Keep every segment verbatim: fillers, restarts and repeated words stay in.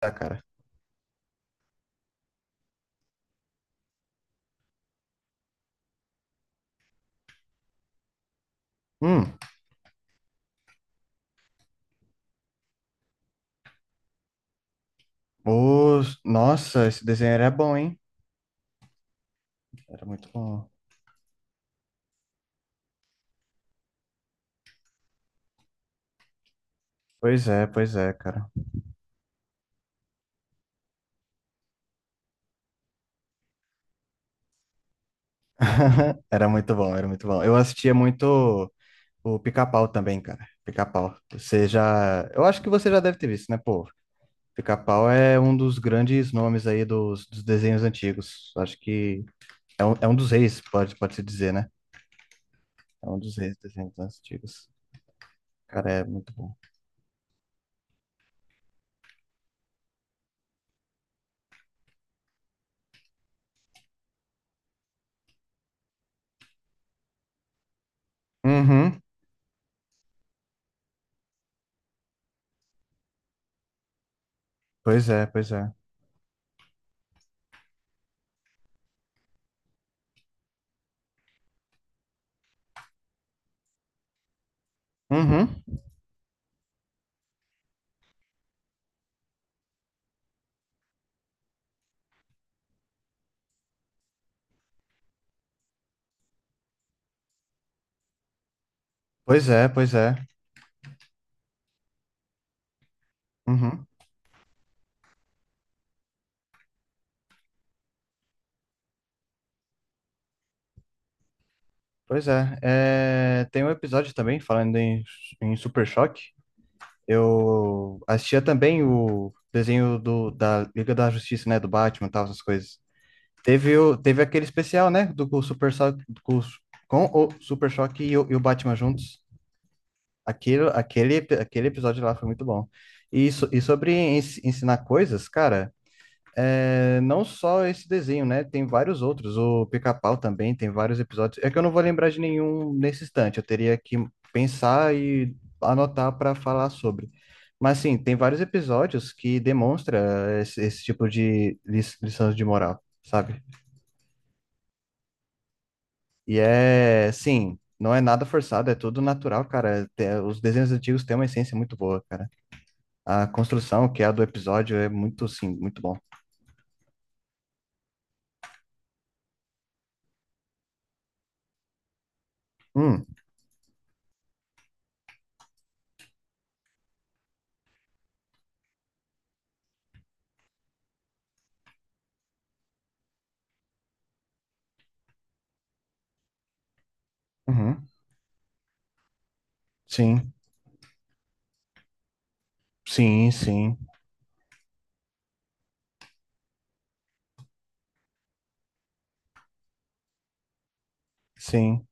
Tá, cara. Hum. os... Nossa, esse desenho era bom, hein? Era muito bom. Pois é, pois é, cara. Era muito bom, era muito bom. Eu assistia muito o Pica-Pau também, cara. Pica-Pau. Você já... Eu acho que você já deve ter visto, né, pô? Pica-Pau é um dos grandes nomes aí dos, dos desenhos antigos. Acho que é um, é um dos reis, pode, pode-se dizer, né? É um dos reis dos desenhos antigos. Cara, é muito bom. Uhum. Pois é, pois é. Uhum. Pois é, pois é. Uhum. Pois é, é, tem um episódio também falando em, em Super Choque. Eu assistia também o desenho do, da Liga da Justiça, né? Do Batman e tal, essas coisas. Teve, o, teve aquele especial, né? Do com, o- Super Choque, com, o- com o Super Choque e o, e o Batman juntos. Aquilo, aquele, aquele episódio lá foi muito bom. E, so- e sobre ens- ensinar coisas, cara. É, não só esse desenho, né? Tem vários outros. O Pica-Pau também tem vários episódios. É que eu não vou lembrar de nenhum nesse instante. Eu teria que pensar e anotar para falar sobre. Mas sim, tem vários episódios que demonstra esse, esse tipo de lis- lições de moral, sabe? E é, sim, não é nada forçado, é tudo natural, cara. Te- Os desenhos antigos têm uma essência muito boa, cara. A construção, que é a do episódio, é muito, sim, muito bom. Hum. Uhum. Sim, sim, sim. Sim,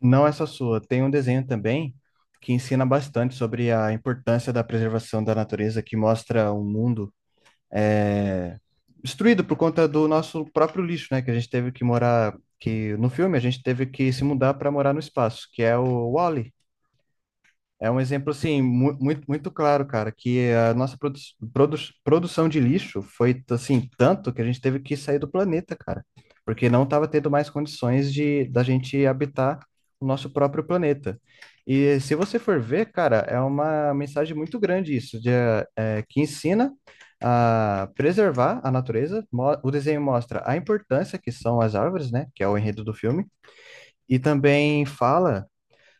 não essa sua. Tem um desenho também que ensina bastante sobre a importância da preservação da natureza, que mostra um mundo é, destruído por conta do nosso próprio lixo, né? Que a gente teve que morar, que no filme a gente teve que se mudar para morar no espaço, que é o wall. É um exemplo assim mu- muito muito claro, cara, que a nossa produ produ produção de lixo foi assim tanto que a gente teve que sair do planeta, cara, porque não estava tendo mais condições de da gente habitar o nosso próprio planeta. E se você for ver, cara, é uma mensagem muito grande isso, de, eh, que ensina a preservar a natureza. Mo- O desenho mostra a importância que são as árvores, né, que é o enredo do filme, e também fala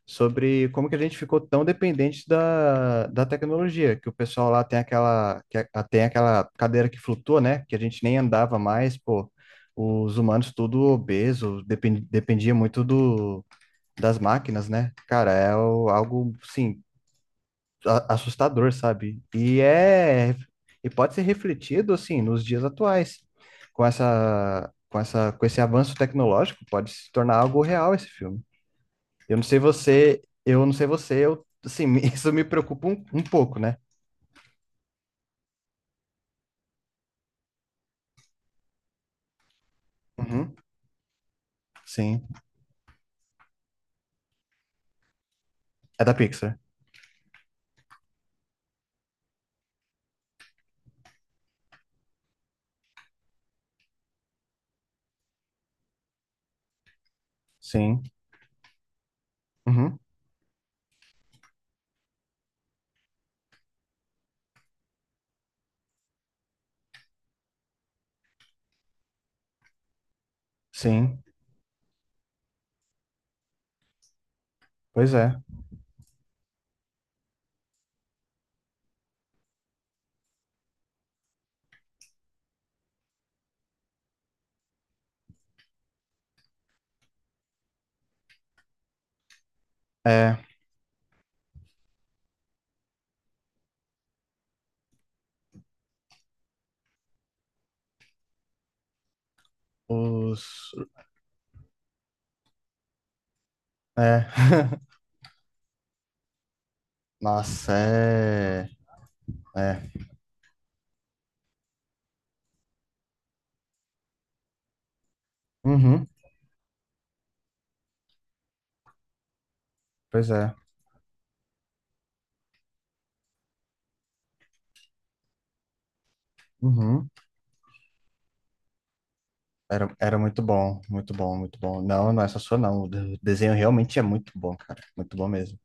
sobre como que a gente ficou tão dependente da, da tecnologia, que o pessoal lá tem aquela, que a- tem aquela cadeira que flutua, né? Que a gente nem andava mais, pô. Os humanos tudo obeso, depend, dependia muito do, das máquinas, né? Cara, é o- algo, sim, a- assustador, sabe? E é, e pode ser refletido, assim, nos dias atuais. Com essa, com essa, com esse avanço tecnológico, pode se tornar algo real esse filme. Eu não sei você, eu não sei você, eu, assim, isso me preocupa um, um pouco, né? Uhum, sim. É da Pixar. Sim. Uhum, sim. Pois é. É, os, é. Nossa, é, é. Uhum, pois é. Uhum. Era, era muito bom, muito bom, muito bom. Não, não é só sua, não. O de- desenho realmente é muito bom, cara. Muito bom mesmo.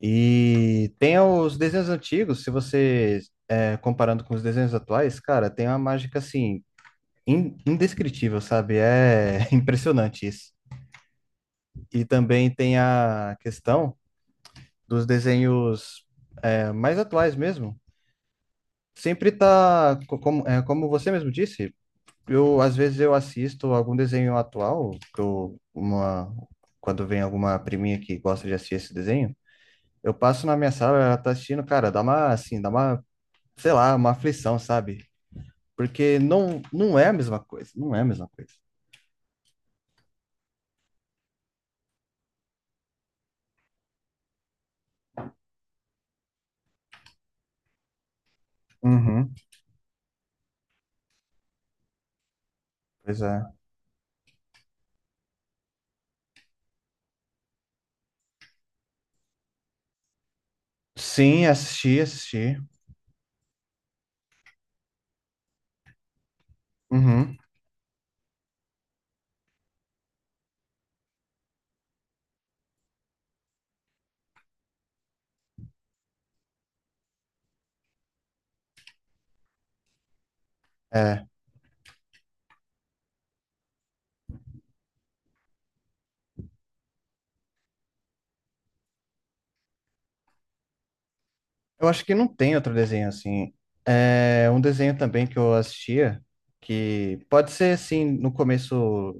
E tem os desenhos antigos, se você, é, comparando com os desenhos atuais, cara, tem uma mágica, assim, in- indescritível, sabe? É impressionante isso. E também tem a questão dos desenhos é, mais atuais mesmo. Sempre tá, co- como, é, como você mesmo disse, eu às vezes eu assisto algum desenho atual, que eu, uma, quando vem alguma priminha que gosta de assistir esse desenho, eu passo na minha sala, ela tá assistindo, cara, dá uma, assim, dá uma, sei lá, uma aflição, sabe? Porque não, não é a mesma coisa, não é a mesma coisa. Uhum. Pois é. Sim, assisti, assisti. Uhum, é. Eu acho que não tem outro desenho assim. É um desenho também que eu assistia, que pode ser assim, no começo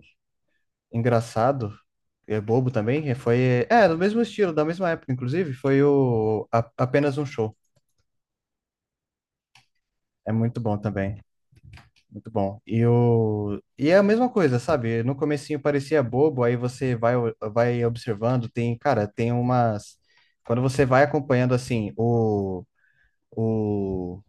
engraçado, é bobo também, e foi. É, do mesmo estilo, da mesma época, inclusive, foi o A- Apenas um Show. É muito bom também. Muito bom. E, o... e é a mesma coisa, sabe? No comecinho parecia bobo, aí você vai, vai observando, tem, cara, tem umas. Quando você vai acompanhando assim, o O,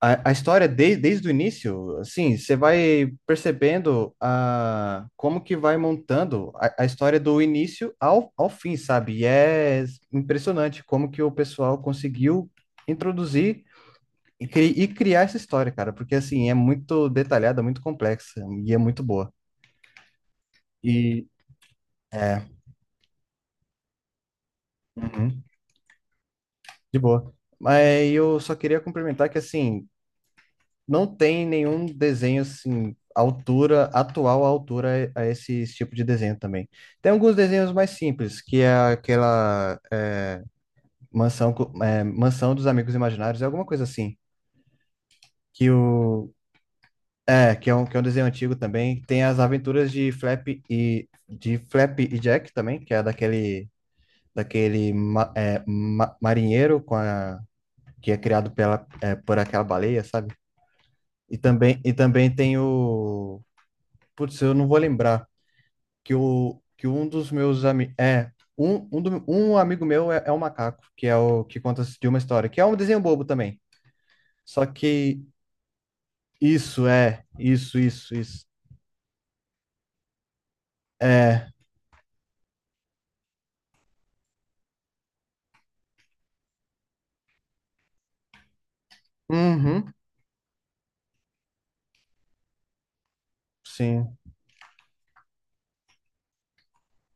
a, a história desde, desde o início, assim, você vai percebendo a, como que vai montando a, a história do início ao, ao fim, sabe? E é impressionante como que o pessoal conseguiu introduzir e, cri- e criar essa história, cara, porque assim, é muito detalhada, muito complexa e é muito boa. E é, uhum, de boa. Mas eu só queria complementar que assim, não tem nenhum desenho assim, altura, atual à altura a esse tipo de desenho também. Tem alguns desenhos mais simples, que é aquela é, mansão, co- é, mansão dos Amigos Imaginários, é alguma coisa assim, que o é, que é um, que é um desenho antigo também, tem as aventuras de Flap e de Flap e Jack também, que é daquele daquele ma- é, ma- marinheiro com a que é criado pela é, por aquela baleia, sabe? E também, e também tem o Putz, eu não vou lembrar que, o, que um dos meus amigos. É, um, um, do- um amigo meu é, é um macaco, que é o que conta de uma história, que é um desenho bobo também. Só que isso é, isso, isso, isso. É. Uhum, sim.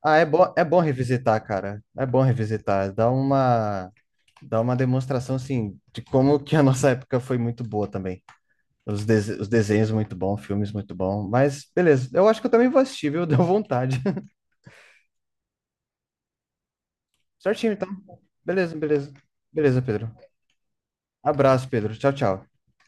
Ah, é bom, é bom revisitar, cara. É bom revisitar. Dá uma, dá uma demonstração, assim, de como que a nossa época foi muito boa também. Os, dese- os desenhos muito bom, filmes muito bom. Mas, beleza. Eu acho que eu também vou assistir, viu? Deu vontade. Certinho, então. Beleza, beleza. Beleza, Pedro. Abraço, Pedro. Tchau, tchau.